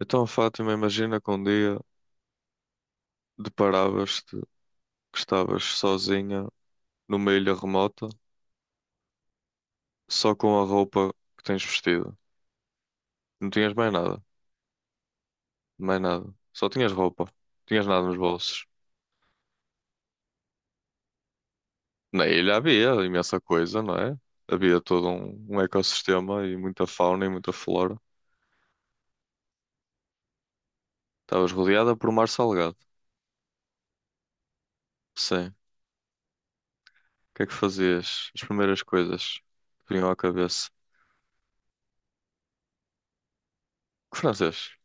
Então, Fátima, imagina que um dia deparavas-te que estavas sozinha numa ilha remota, só com a roupa que tens vestida. Não tinhas mais nada, mais nada. Só tinhas roupa, não tinhas nada nos bolsos. Na ilha havia imensa coisa, não é? Havia todo um ecossistema e muita fauna e muita flora. Estavas rodeada por mar salgado. Sim. O que é que fazias? As primeiras coisas que vinham à cabeça. Que francês?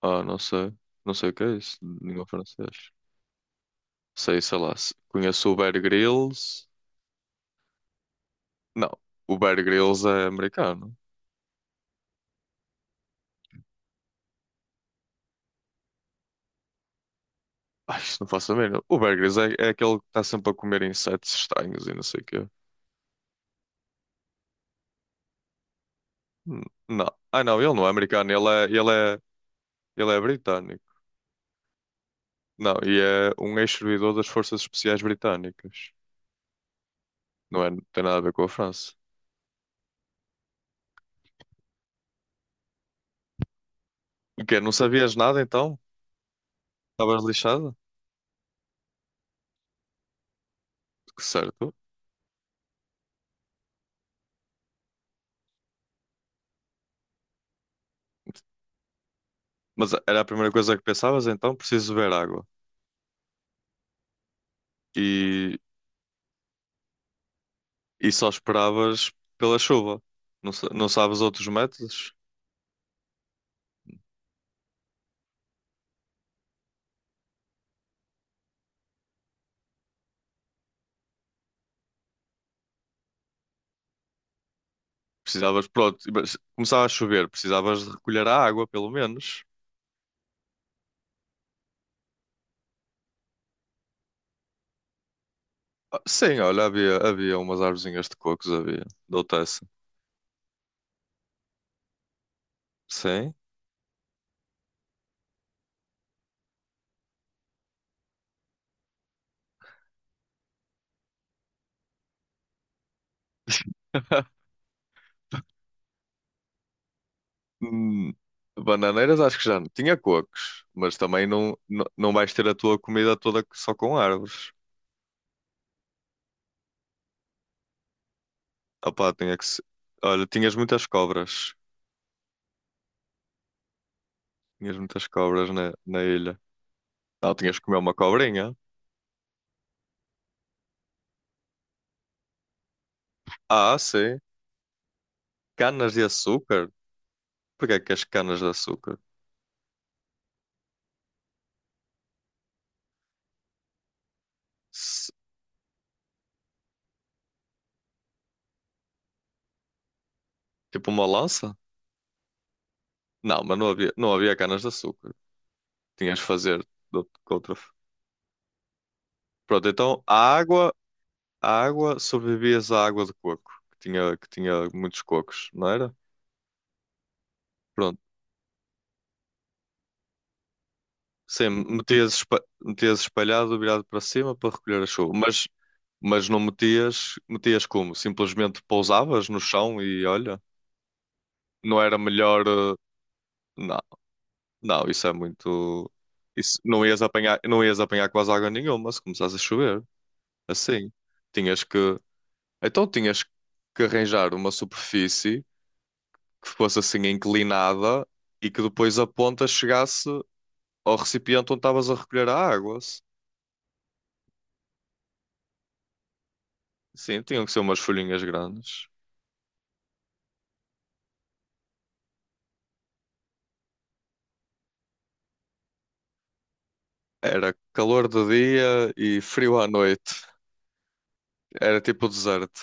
Ah, não sei. Não sei o que é isso. Língua francês. Sei, sei lá. Conheço o Bear Grylls. Não, o Bear Grylls é americano. Ai, isto não faço a mínima. O Bear Grylls é aquele que está sempre a comer insetos estranhos e não sei o quê. Não. Ah, não, ele não é americano. Ele é britânico. Não, e é um ex-servidor das Forças Especiais Britânicas. Não é, não tem nada a ver com a França. O quê? Não sabias nada então? Estavas lixado? Que certo. Mas era a primeira coisa que pensavas então? Preciso beber água. E e só esperavas pela chuva. Não, não sabes outros métodos? Precisavas, pronto, mas começava a chover, precisavas de recolher a água, pelo menos. Ah, sim, olha, havia, havia umas arvozinhas de cocos, havia. Dou-te essa. Sim. Hum, bananeiras acho que já não. Tinha cocos, mas também não, não, não vais ter a tua comida toda só com árvores. Opá, tinha que se... Olha, tinhas muitas cobras. Tinhas muitas cobras na ilha. Ah, tinhas que comer uma cobrinha. Ah, sim. Canas de açúcar? Porquê é que as canas de açúcar? Se- Tipo uma lança? Não, mas não havia, não havia canas de açúcar. Tinhas de fazer com outra. Pronto, então a água, sobrevivias à água de coco, que tinha muitos cocos, não era? Pronto. Sim, metias, metias espalhado, virado para cima para recolher a chuva. Mas não metias, metias como? Simplesmente pousavas no chão e olha, não era melhor. Não, não, isso é muito. Isso, não ias apanhar, não ias apanhar quase água nenhuma se começasse a chover. Assim. Tinhas que. Então tinhas que arranjar uma superfície que fosse assim inclinada e que depois a ponta chegasse ao recipiente onde estavas a recolher a água. Sim, tinham que ser umas folhinhas grandes. Era calor de dia e frio à noite. Era tipo o deserto.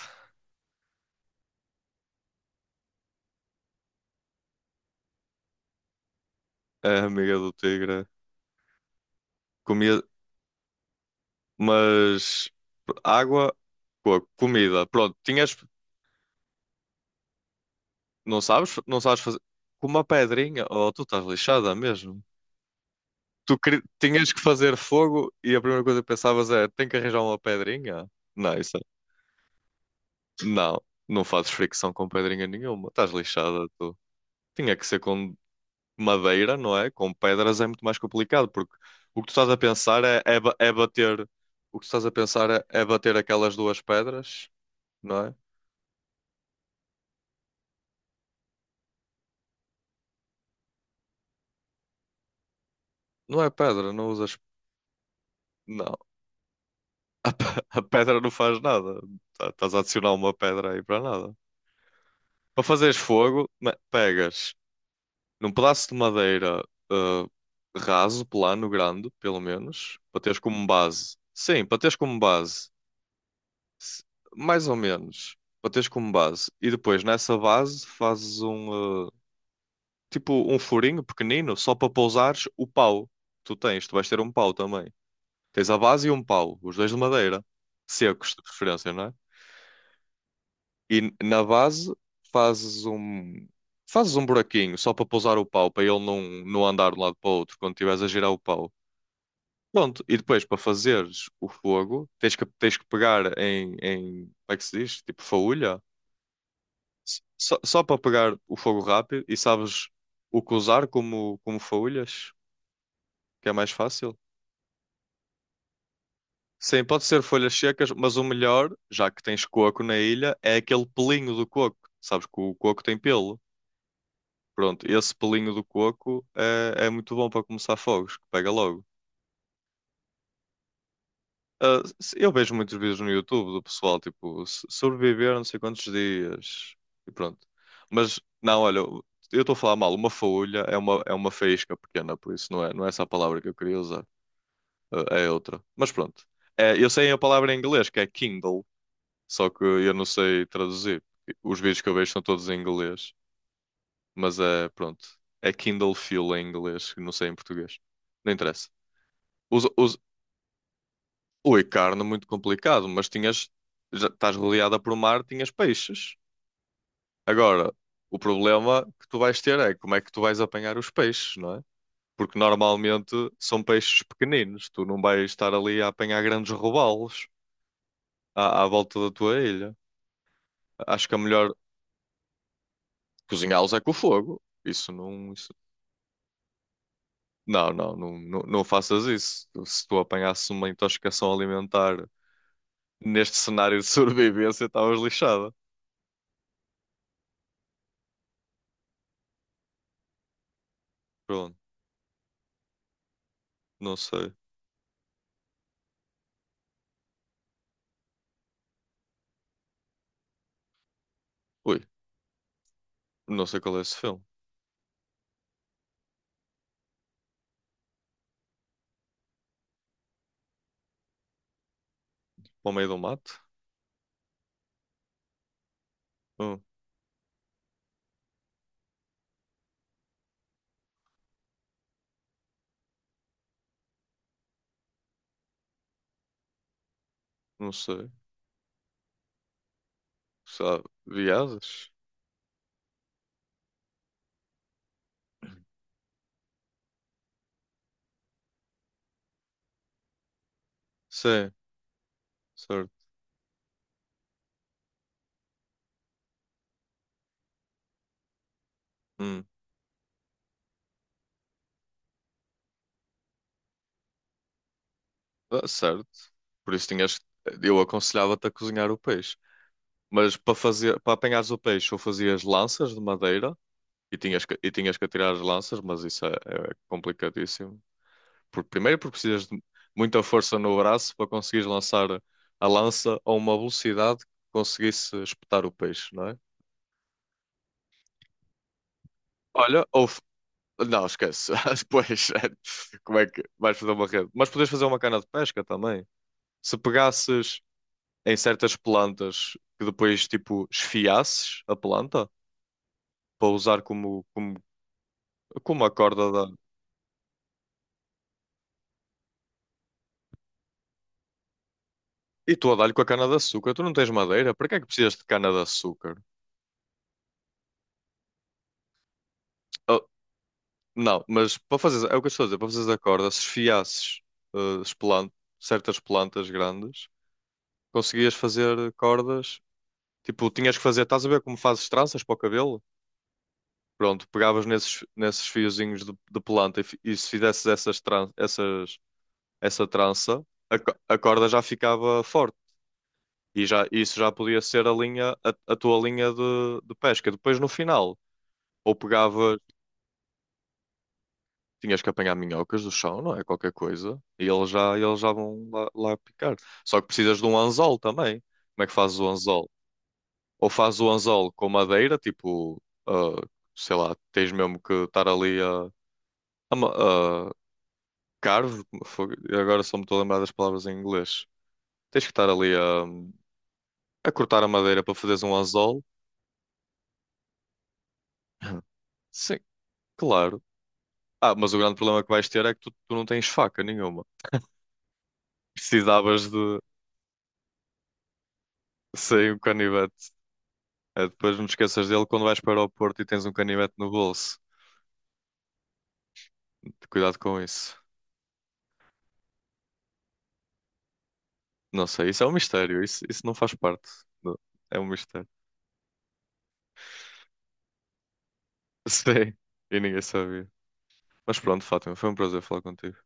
A amiga do tigre. Comia, mas água, comida. Pronto, tinhas. Não sabes? Não sabes fazer. Com uma pedrinha? Oh, tu estás lixada mesmo. Tinhas que fazer fogo e a primeira coisa que pensavas é: tenho que arranjar uma pedrinha? Não, isso é... Não, não fazes fricção com pedrinha nenhuma. Estás lixada, tu. Tinha que ser com madeira, não é? Com pedras é muito mais complicado, porque o que tu estás a pensar é bater. O que tu estás a pensar é bater aquelas duas pedras, não é? Não é pedra, não usas. Não. A, pe- a pedra não faz nada. Estás a adicionar uma pedra aí para nada. Para fazeres fogo, pegas num pedaço de madeira uh, raso, plano, grande, pelo menos, para teres como base. Sim, para teres como base. S- Mais ou menos. Para teres como base. E depois, nessa base, fazes um, tipo um furinho pequenino só para pousares o pau. Tu tens, tu vais ter um pau também. Tens a base e um pau, os dois de madeira. Secos, de preferência, não é? E na base fazes um, fazes um buraquinho só para pousar o pau, para ele não, não andar de um lado para o outro quando estiveres a girar o pau. Pronto, e depois para fazeres o fogo, tens que pegar em, em, como é que se diz? Tipo faúlha, só, só para pegar o fogo rápido e sabes o que usar como, como faúlhas, que é mais fácil. Sim, pode ser folhas secas, mas o melhor, já que tens coco na ilha, é aquele pelinho do coco. Sabes que o coco tem pelo. Pronto, esse pelinho do coco é muito bom para começar fogos, que pega logo. Ah, eu vejo muitos vídeos no YouTube do pessoal, tipo, sobreviver não sei quantos dias e pronto. Mas, não, olha, eu estou a falar mal, uma faúlha é uma faísca pequena, por isso não é, não é essa a palavra que eu queria usar. Ah, é outra. Mas pronto, é, eu sei a palavra em inglês, que é Kindle, só que eu não sei traduzir. Os vídeos que eu vejo são todos em inglês, mas é, pronto, é Kindle Fuel em inglês, que não sei em português. Não interessa. Os- os- ui, carne muito complicado, mas tinhas, já estás rodeada por mar, tinhas peixes. Agora, o problema que tu vais ter é como é que tu vais apanhar os peixes, não é? Porque normalmente são peixes pequeninos, tu não vais estar ali a apanhar grandes robalos à volta da tua ilha. Acho que é melhor cozinhá-los é com o fogo. Isso não, Não, não, não, não, não faças isso. Se tu apanhasses uma intoxicação alimentar neste cenário de sobrevivência, estavas lixada. Pronto, não sei. Ui, não sei qual é esse filme. Para o meio do mato? Hum, não sei. Sabe? Viadas? Sim, certo. Hum, ah, certo. Por isso tinhas. Eu aconselhava-te a cozinhar o peixe. Mas para fazer, para apanhares o peixe, ou fazias lanças de madeira e tinhas que atirar as lanças, mas isso é, é complicadíssimo. Por, primeiro, porque precisas de muita força no braço para conseguires lançar a lança a uma velocidade que conseguisse espetar o peixe, não é? Olha, ou, não, esquece. Depois, como é que vais fazer uma rede? Mas podes fazer uma cana de pesca também. Se pegasses em certas plantas que depois, tipo, esfiasses a planta para usar como, como, como a corda da. E tu a dar-lhe com a cana de açúcar. Tu não tens madeira? Para que é que precisas de cana de açúcar? Ah, não, mas para fazer. É o que eu estou a dizer. Para fazer a corda, se esfiasses ah, as plan- certas plantas grandes, conseguias fazer cordas. Tipo, tinhas que fazer. Estás a ver como fazes tranças para o cabelo? Pronto, pegavas nesses, nesses fiozinhos de planta e e se fizesses essa trança, a corda já ficava forte. E já, isso já podia ser a linha, a tua linha de pesca. Depois, no final, ou pegavas, tinhas que apanhar minhocas do chão, não é? Qualquer coisa. E eles já vão lá, lá picar. Só que precisas de um anzol também. Como é que fazes o anzol? Ou fazes o anzol com madeira, tipo, ah, sei lá, tens mesmo que estar ali a Carve? Fogo. Agora só me estou a lembrar das palavras em inglês. Tens que estar ali a cortar a madeira para fazeres um anzol. Hum. Sim, claro. Ah, mas o grande problema que vais ter é que tu, tu não tens faca nenhuma. Precisavas de sair um canivete. Eh, depois não te esqueças dele quando vais para o aeroporto e tens um canivete no bolso. Cuidado com isso. Não sei, isso é um mistério. Isso não faz parte. do- É um mistério. Sim, e ninguém sabia. Mas pronto, Fátima, foi um prazer falar contigo.